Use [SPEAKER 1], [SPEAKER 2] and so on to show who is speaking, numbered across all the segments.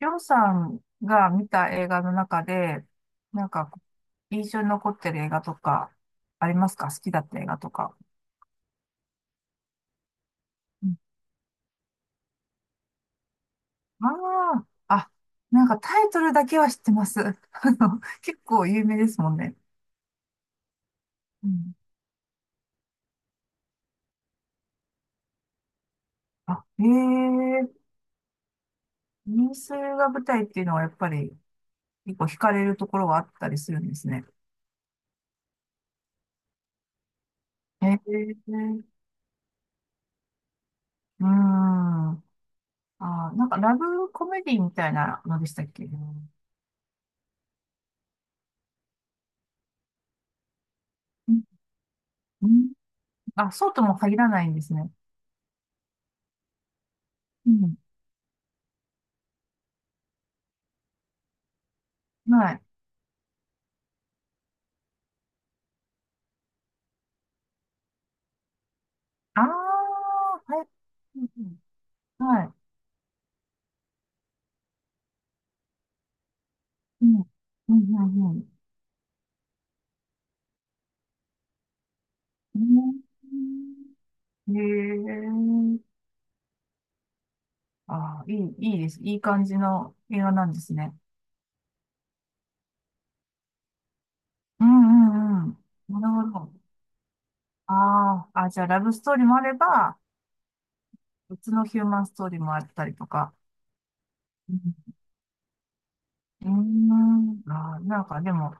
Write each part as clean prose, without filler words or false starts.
[SPEAKER 1] りょうさんが見た映画の中で、なんか印象に残ってる映画とかありますか？好きだった映画とか。うん。あー、あ、なんかタイトルだけは知ってます。結構有名ですもんね。うん。あ、ええ、人数が舞台っていうのはやっぱり結構惹かれるところがあったりするんですね。ええ。うん。あー、なんかラブコメディみたいなのでしたっけ？うん。うん。あ、そうとも限らないんですね。うん。はい。ああ、はい。うん。うん。はい。うん。うん、うん、うん。うん。へえ。ああ、いい、いいです。いい感じの映画なんですね。うん、うん、うん。なるほど。ああ、あ、じゃあ、ラブストーリーもあれば、別のヒューマンストーリーもあったりとか。うん。うーん。ああ、なんかでも、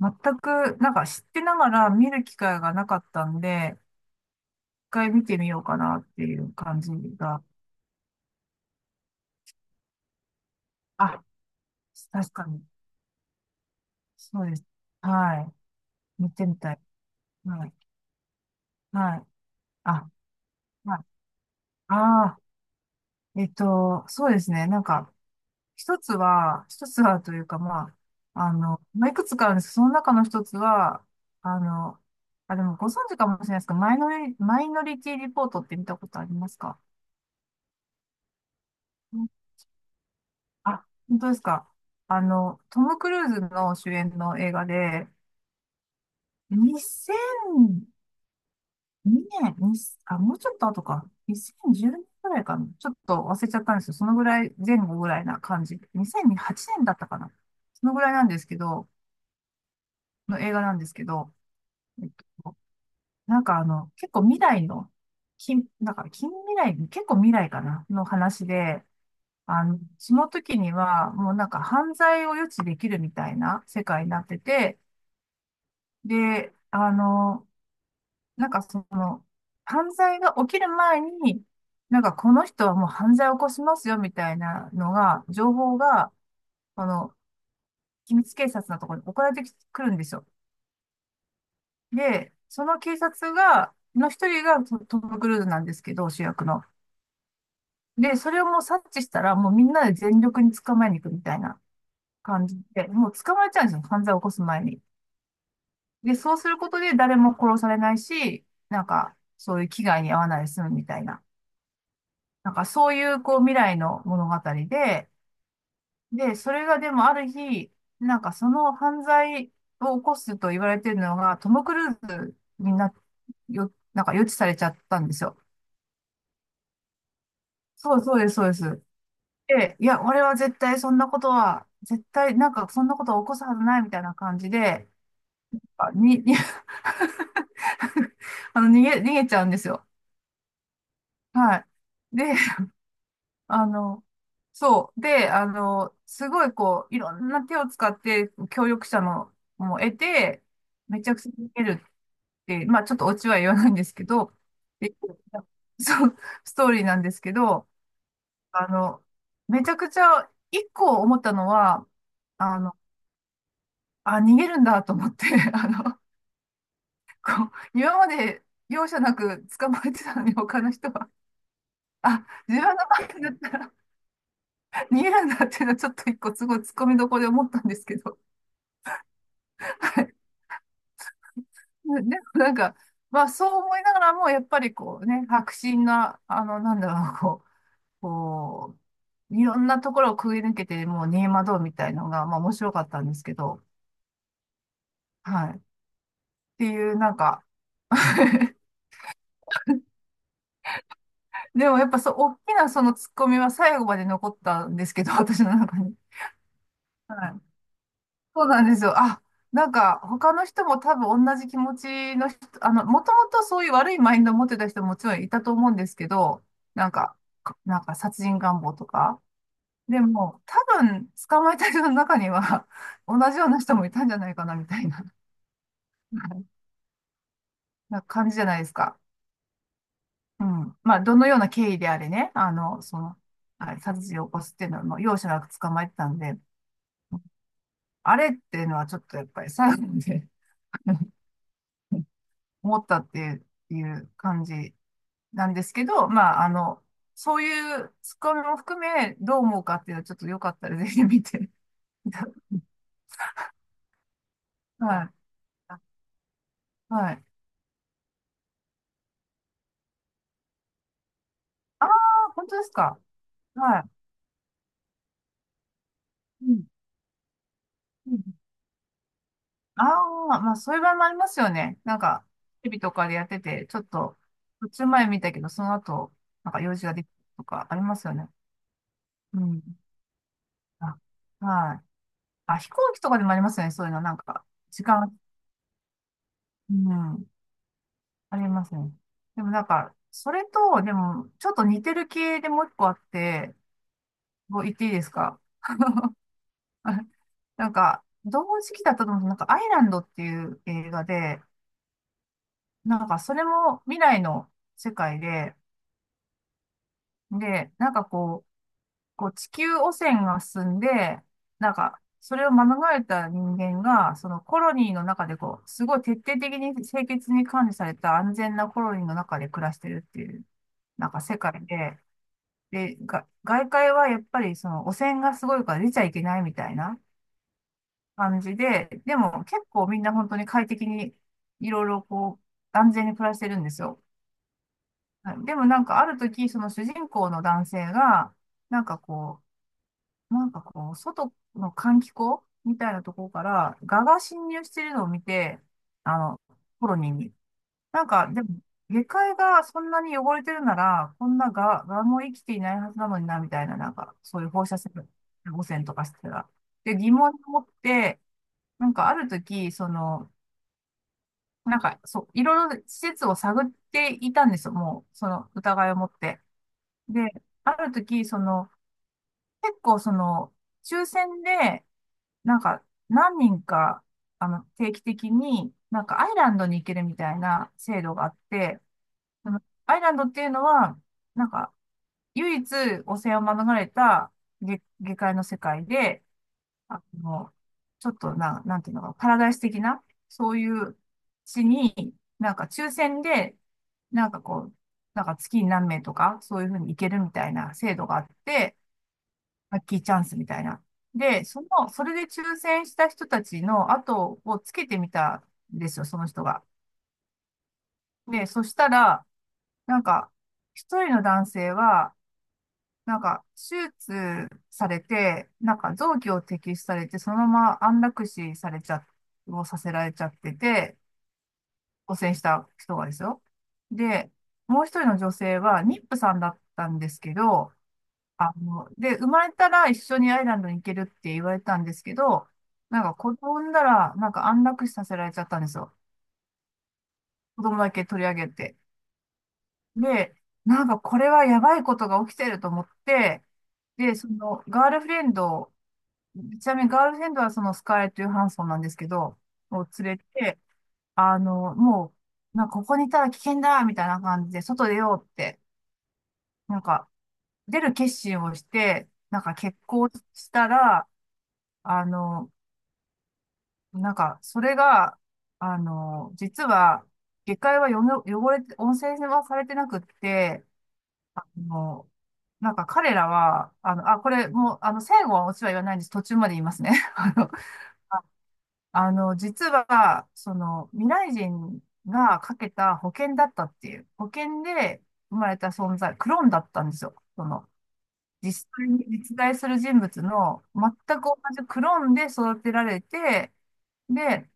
[SPEAKER 1] 全く、なんか知ってながら見る機会がなかったんで、一回見てみようかなっていう感じが。あ、確かに。そうです。はい。見てみたい。はい。はい。あ、はい。ああ、そうですね。なんか、一つはというか、まあ、いくつかあるんですけど、その中の一つは、あの、あ、でもご存知かもしれないですけど、マイノリティリポートって見たことありますか？うん。あ、本当ですか。トム・クルーズの主演の映画で、2000 2年、に、あ、もうちょっと後か。2010年ぐらいかな。ちょっと忘れちゃったんですよ。そのぐらい、前後ぐらいな感じ。2008年だったかな。そのぐらいなんですけど、の映画なんですけど、えっと、なんか結構未来の、近、なんから近未来、結構未来かな、の話で、その時には、もうなんか犯罪を予知できるみたいな世界になってて、で、なんかその、犯罪が起きる前に、なんかこの人はもう犯罪を起こしますよみたいなのが、情報が、あの、秘密警察のところに送られてくるんですよ。で、その警察が、の一人がトム・クルーズなんですけど、主役の。で、それをもう察知したら、もうみんなで全力に捕まえに行くみたいな感じで、もう捕まえちゃうんですよ、犯罪を起こす前に。で、そうすることで誰も殺されないし、なんか、そういう危害に遭わないで済むみたいな。なんかそういうこう未来の物語で、で、それがでもある日、なんかその犯罪を起こすと言われてるのがトム・クルーズにな、よ、なんか予知されちゃったんですよ。そうそうです、そうです。で、いや、俺は絶対そんなことは、絶対なんかそんなことを起こすはずないみたいな感じで、あに、に、 逃げちゃうんですよ。はい。で、あの、そう。で、すごいこう、いろんな手を使って協力者のも得て、めちゃくちゃ見えるって、まあちょっとオチは言わないんですけど、でそう、ストーリーなんですけど、あの、めちゃくちゃ一個思ったのは、あの、あ、逃げるんだと思って、あの、こう、今まで容赦なく捕まえてたのに他の人は、あ、自分の番だったら逃げるんだっていうのはちょっと一個すごい突っ込みどころで思ったんですけど、で、でもなんか、まあそう思いながらも、やっぱりこうね、迫真な、なんだろう、こう、いろんなところをくぐり抜けて、もうネイマドーみたいのが、まあ面白かったんですけど、はい。っていう、なんか でもやっぱそう、大きなそのツッコミは最後まで残ったんですけど、私の中に。はい。そうなんですよ。あ、なんか他の人も多分同じ気持ちの人、もともとそういう悪いマインドを持ってた人ももちろんいたと思うんですけど、なんか、かなんか殺人願望とか。でも、多分捕まえた人の中には 同じような人もいたんじゃないかなみたいな、はいな感じじゃないですか。うん。まあ、どのような経緯であれね、はい殺人を起こすっていうのはもう容赦なく捕まえてたんで、あれっていうのはちょっとやっぱり最後まで 思ったっていう感じなんですけど、そういうツッコミも含め、どう思うかっていうのはちょっとよかったらぜひ見て。はい。はい。ああ、本当ですか。はい。うん。うん。ああ、まあ、そういう場合もありますよね。なんか、テレビとかでやってて、ちょっと、途中前見たけど、その後、なんか用事ができるとかありますよね。うん。あ、はい。あ、飛行機とかでもありますよね。そういうの、なんか、時間、うん。ありますね。でもなんか、それと、でも、ちょっと似てる系でもう一個あって、こう言っていいですか？ なんか、同時期だったと思うんですけどなんか、アイランドっていう映画で、なんか、それも未来の世界で、で、なんかこう、こう地球汚染が進んで、なんか、それを免れた人間が、そのコロニーの中でこう、すごい徹底的に清潔に管理された安全なコロニーの中で暮らしてるっていう、なんか世界で、で、が、外界はやっぱりその汚染がすごいから出ちゃいけないみたいな感じで、でも結構みんな本当に快適にいろいろこう安全に暮らしてるんですよ。はい。でもなんかある時、その主人公の男性が、なんかこう、なんかこう、外の換気口みたいなところから蛾が侵入してるのを見て、あの、コロニーに。なんか、でも、下界がそんなに汚れてるなら、こんなが、がも生きていないはずなのにな、みたいな、なんか、そういう放射線汚染とかしてたら。で、疑問に思って、なんかある時、その、なんか、そう、いろいろ施設を探っていたんですよ、もう、その疑いを持って。で、ある時、その、結構その、抽選で、なんか、何人か、定期的に、なんかアイランドに行けるみたいな制度があって、なんかアイランドっていうのは、なんか、唯一汚染を免れた下界の世界で、あの、ちょっとな、なんていうのか、パラダイス的な、そういう地に、なんか抽選で、なんかこう、なんか月に何名とか、そういうふうに行けるみたいな制度があって、ラッキーチャンスみたいな。で、その、それで抽選した人たちの後をつけてみたんですよ、その人が。で、そしたら、なんか、一人の男性は、なんか、手術されて、なんか、臓器を摘出されて、そのまま安楽死されちゃ、をさせられちゃってて、汚染した人がですよ。で、もう一人の女性は、妊婦さんだったんですけど、で、生まれたら一緒にアイランドに行けるって言われたんですけど、子供産んだら、安楽死させられちゃったんですよ。子供だけ取り上げて。で、これはやばいことが起きてると思って、で、ガールフレンド、ちなみにガールフレンドはそのスカーレット・ヨハンソンなんですけど、を連れて、もう、なんかここにいたら危険だみたいな感じで、外出ようって、なんか出る決心をして、決行したら、あの、なんかそれが、実は、下界はよの汚れて、温泉はされてなくって、あのなんか彼らは、あ、これもう、最後はオチは言わないんです。途中まで言いますね。あの実は、未来人がかけた保険だったっていう、保険で生まれた存在、クローンだったんですよ。実際に実在する人物の全く同じクローンで育てられて、で、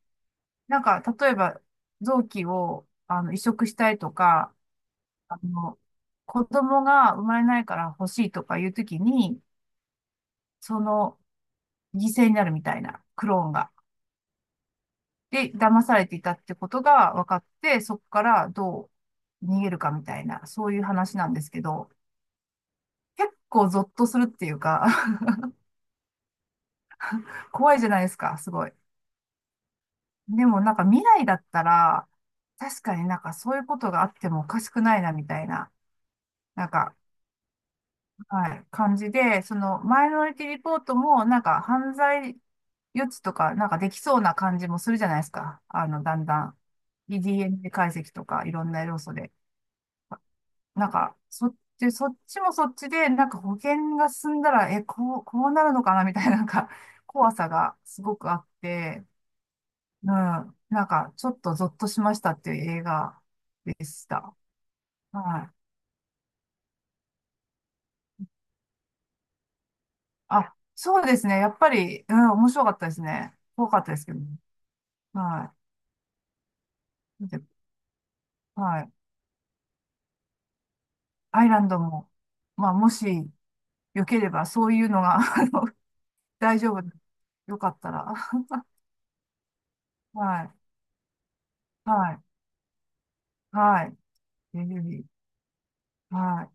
[SPEAKER 1] 例えば、臓器を、移植したいとか、あの、子供が生まれないから欲しいとかいうときに、その、犠牲になるみたいな、クローンが。で、騙されていたってことが分かって、そこからどう逃げるかみたいな、そういう話なんですけど、結構ゾッとするっていうか、 怖いじゃないですか、すごい。でもなんか未来だったら、確かになんかそういうことがあってもおかしくないな、みたいな、なんか、はい、感じで、そのマイノリティリポートもなんか犯罪予知とかなんかできそうな感じもするじゃないですか。あの、だんだん DNA 解析とかいろんな要素で。なんか、そっちもそっちで、なんか保険が進んだら、こうなるのかなみたいな、怖さがすごくあって、うん。なんか、ちょっとゾッとしましたっていう映画でした。はい。あ、そうですね。やっぱり、うん、面白かったですね。怖かったですけどね。はい。で、はい。アイランドも、まあ、もし、よければ、そういうのが 大丈夫。よかったら。はい。はい。はい。ぜひぜひ。はい。